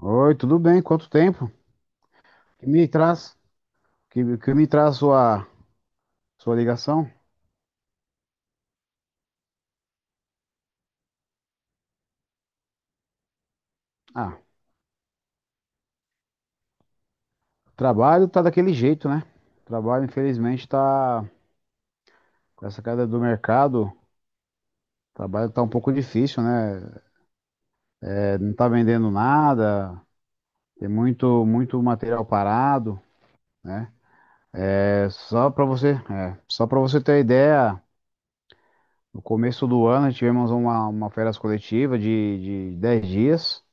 Oi, tudo bem? Quanto tempo? Que me traz? Que me traz sua ligação? Ah, o trabalho tá daquele jeito, né? O trabalho, infelizmente, tá com essa queda do mercado. O trabalho tá um pouco difícil, né? É, não tá vendendo nada. Tem muito muito material parado, né? É só para você, só para você ter ideia, no começo do ano tivemos uma férias coletiva de 10 dias.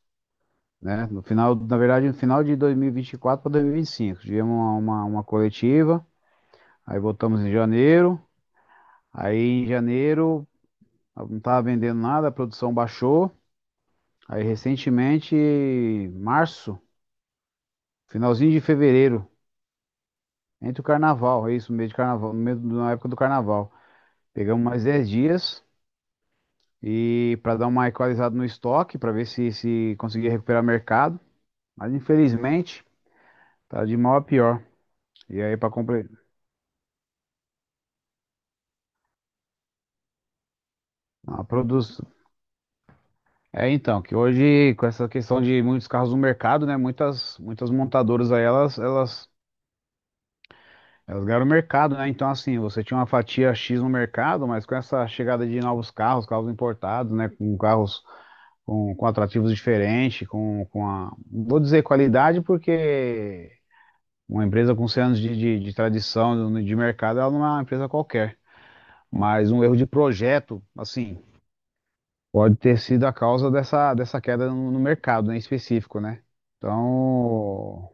Né? No final, na verdade, no final de 2024 para 2025. Tivemos uma coletiva, aí voltamos em janeiro. Aí em janeiro não estava vendendo nada, a produção baixou. Aí recentemente, março, finalzinho de fevereiro, entre o carnaval, é isso, no meio de carnaval, no meio da época do carnaval. Pegamos mais 10 dias e para dar uma equalizada no estoque, para ver se se conseguia recuperar mercado. Mas infelizmente, tá de mal a pior. E aí para completar, a produção é, então, que hoje, com essa questão de muitos carros no mercado, né? Muitas montadoras aí, elas ganharam o mercado, né? Então, assim, você tinha uma fatia X no mercado, mas com essa chegada de novos carros, carros importados, né? Com carros com atrativos diferentes, com a. não Vou dizer qualidade, porque uma empresa com 100 anos de tradição de mercado, ela não é uma empresa qualquer. Mas um erro de projeto, assim. Pode ter sido a causa dessa queda no mercado, né, em específico, né? Então,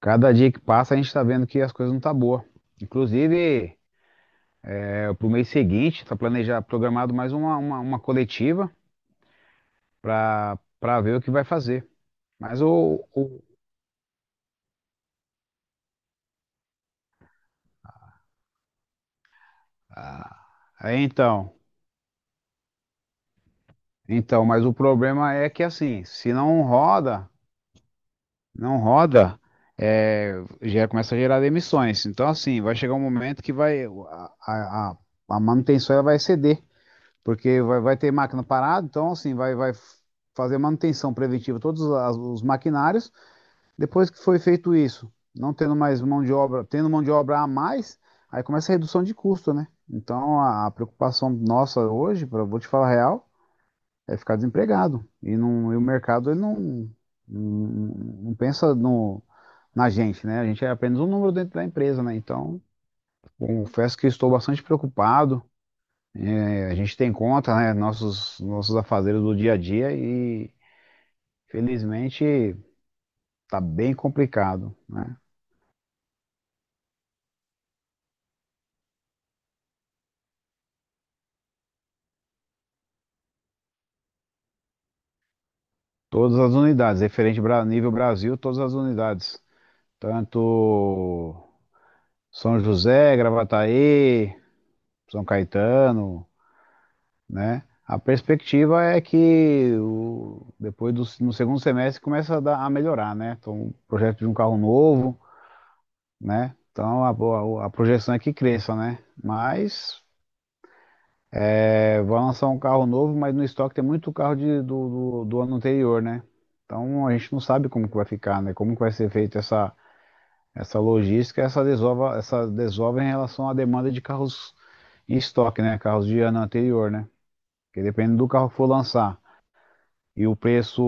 cada dia que passa a gente está vendo que as coisas não estão tá boa. Inclusive, para o mês seguinte, está planejado, programado mais uma coletiva para ver o que vai fazer. Mas ah, é, então, mas o problema é que assim, se não roda, não roda, é, já começa a gerar demissões. Então, assim, vai chegar um momento que vai a, a, a a manutenção ela vai ceder, porque vai ter máquina parada, então, assim, vai fazer manutenção preventiva os maquinários. Depois que foi feito isso, não tendo mais mão de obra, tendo mão de obra a mais, aí começa a redução de custo, né? Então, a preocupação nossa hoje, pra, vou te falar a real, é ficar desempregado. E, não, e o mercado ele não, não, não pensa no, na gente, né? A gente é apenas um número dentro da empresa, né? Então, confesso que estou bastante preocupado. É, a gente tem conta, né? Nossos afazeres do dia a dia e, felizmente, está bem complicado, né? Todas as unidades, referente a nível Brasil, todas as unidades. Tanto São José, Gravataí, São Caetano, né? A perspectiva é que depois no segundo semestre começa a melhorar, né? Então, o projeto de um carro novo, né? Então, a projeção é que cresça, né? Mas é, vai lançar um carro novo, mas no estoque tem muito carro do ano anterior, né? Então, a gente não sabe como que vai ficar, né? Como que vai ser feita essa, essa logística, essa desova em relação à demanda de carros em estoque, né? Carros de ano anterior, né? Porque depende do carro que for lançar. E o preço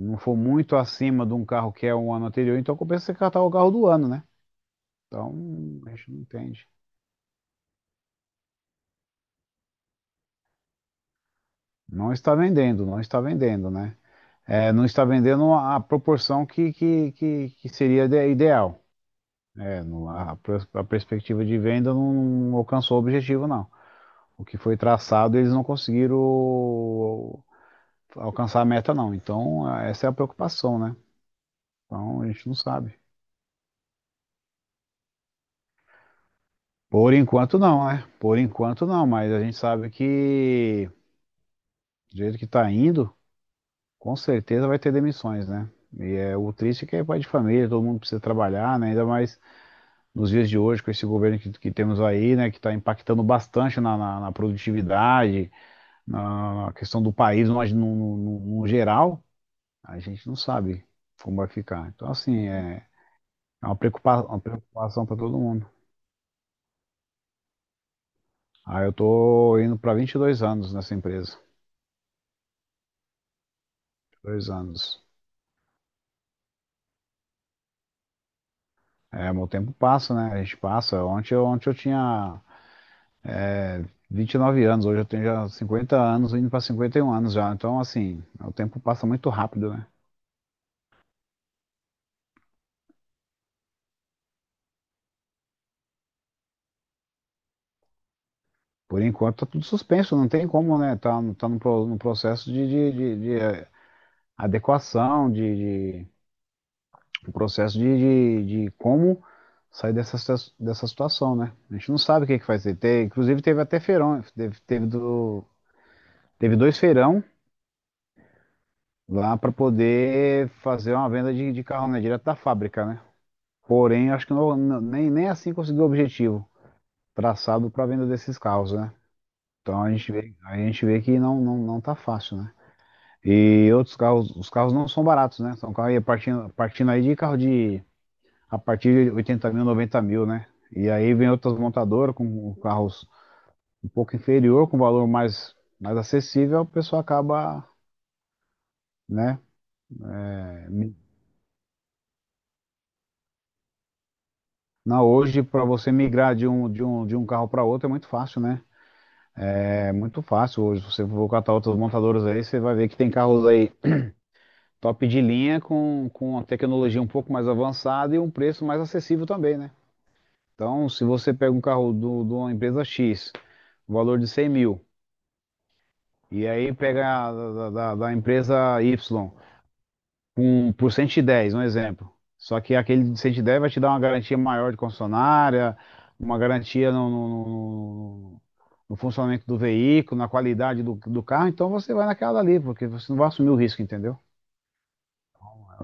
não for muito acima de um carro que é um ano anterior, então compensa você catar o carro do ano, né? Então, a gente não entende. Não está vendendo, não está vendendo, né? É, não está vendendo a proporção que seria ideal. É, No a, pers- a perspectiva de venda não alcançou o objetivo, não. O que foi traçado, eles não conseguiram alcançar a meta, não. Então, essa é a preocupação, né? Então, a gente não sabe. Por enquanto não, né? Por enquanto não, mas a gente sabe que do jeito que tá indo, com certeza vai ter demissões, né? E é o triste é que é pai de família, todo mundo precisa trabalhar, né? Ainda mais nos dias de hoje, com esse governo que temos aí, né? Que está impactando bastante na produtividade, na questão do país no geral, a gente não sabe como vai ficar. Então, assim, é, é uma uma preocupação para todo mundo. Ah, eu tô indo para 22 anos nessa empresa. 2 anos. É, meu tempo passa, né? A gente passa. Ontem, ontem eu tinha é, 29 anos, hoje eu tenho já 50 anos, indo para 51 anos já. Então, assim, o tempo passa muito rápido, né? Por enquanto tá tudo suspenso, não tem como, né? Tá, no processo adequação, de um processo de como sair dessa, dessa situação, né? A gente não sabe o que que vai ser. Inclusive teve até feirão, teve dois feirão lá para poder fazer uma venda de carro, né, direto da fábrica, né? Porém, acho que nem assim conseguiu o objetivo traçado para a venda desses carros, né? Então a gente vê que não tá fácil, né? E outros carros, os carros não são baratos, né? São carros aí partindo, partindo aí de carro de a partir de 80 mil, 90 mil, né? E aí vem outras montadoras com carros um pouco inferior, com valor mais, mais acessível, o pessoal acaba, né, não, hoje para você migrar de um carro para outro é muito fácil, né? É muito fácil. Hoje, se você for catar outras montadoras aí, você vai ver que tem carros aí top de linha com uma tecnologia um pouco mais avançada e um preço mais acessível também, né? Então, se você pega um carro de uma empresa X, valor de 100 mil, e aí pega a da empresa Y, por 110 um exemplo. Só que aquele de 110 vai te dar uma garantia maior de concessionária, uma garantia no funcionamento do veículo, na qualidade do carro, então você vai naquela ali, porque você não vai assumir o risco, entendeu?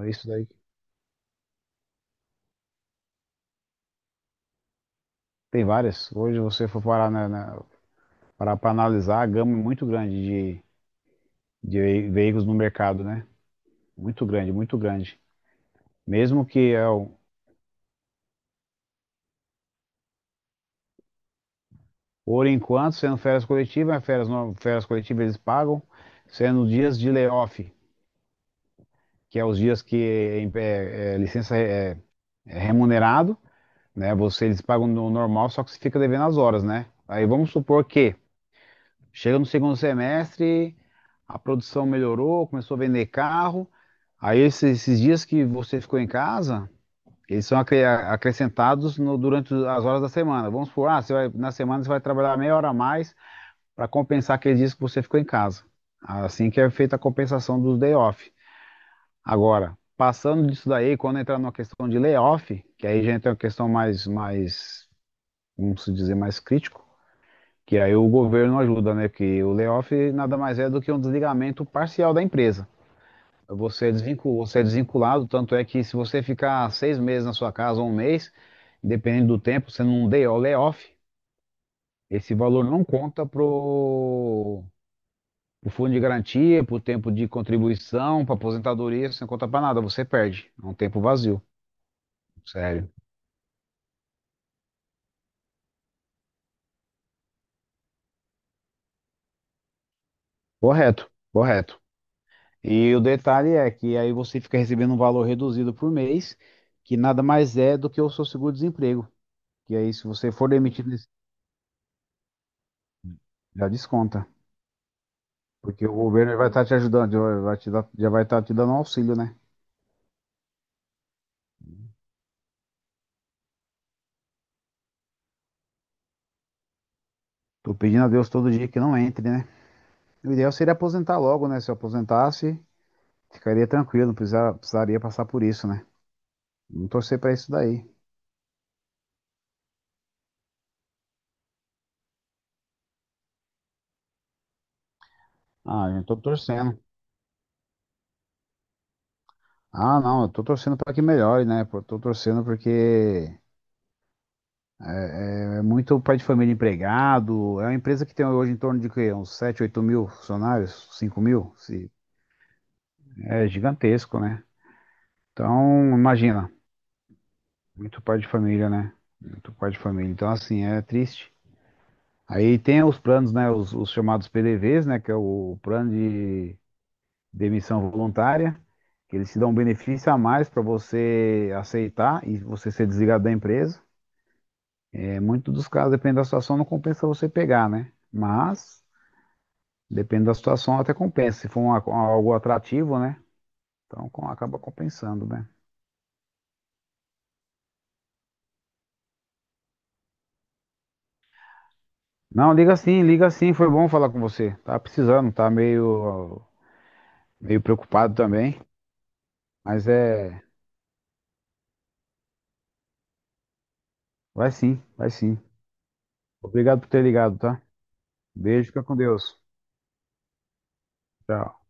É isso daí tem várias. Hoje você for parar parar para analisar a gama é muito grande de, de veículos no mercado, né? Muito grande, muito grande. Mesmo que é, por enquanto, sendo férias coletivas, férias, férias coletivas eles pagam, sendo dias de layoff, que é os dias que é licença é remunerado, né? Você eles pagam no normal, só que você fica devendo as horas, né? Aí vamos supor que chega no segundo semestre, a produção melhorou, começou a vender carro, aí esses dias que você ficou em casa, eles são acrescentados durante as horas da semana. Vamos supor, ah, você vai, na semana você vai trabalhar meia hora a mais para compensar aqueles dias que você ficou em casa. Assim que é feita a compensação dos day off. Agora, passando disso daí, quando entrar numa questão de layoff, que aí já entra uma questão mais, vamos dizer, mais crítico, que aí o governo ajuda, né? Porque o layoff nada mais é do que um desligamento parcial da empresa. Você é desvinculado, tanto é que se você ficar 6 meses na sua casa, ou um mês, dependendo do tempo, você não deu layoff, esse valor não conta pro O fundo de garantia, pro tempo de contribuição, para aposentadoria, você não conta para nada, você perde. É um tempo vazio, sério. Correto, correto. E o detalhe é que aí você fica recebendo um valor reduzido por mês, que nada mais é do que o seu seguro-desemprego. Que aí, se você for demitido, já desconta. Porque o governo vai estar te ajudando, já vai estar te dando um auxílio, né? Tô pedindo a Deus todo dia que não entre, né? O ideal seria aposentar logo, né? Se eu aposentasse, ficaria tranquilo, não precisaria passar por isso, né? Vamos torcer pra isso daí. Ah, eu tô torcendo. Ah, não, eu tô torcendo pra que melhore, né? Pô, tô torcendo porque é muito pai de família empregado. É uma empresa que tem hoje em torno de quê? Uns 7, 8 mil funcionários, 5 mil? É gigantesco, né? Então, imagina, muito pai de família, né? Muito pai de família. Então, assim, é triste. Aí tem os planos, né? Os chamados PDVs, né? Que é o plano de demissão voluntária. Que eles te dão um benefício a mais para você aceitar e você ser desligado da empresa. É, muito dos casos, dependendo da situação, não compensa você pegar, né? Mas, dependendo da situação, até compensa. Se for algo atrativo, né? Então acaba compensando, né? Não, liga sim, foi bom falar com você. Tá precisando, tá meio preocupado também. Mas é. Vai sim, vai sim. Obrigado por ter ligado, tá? Beijo, fica com Deus. Tchau.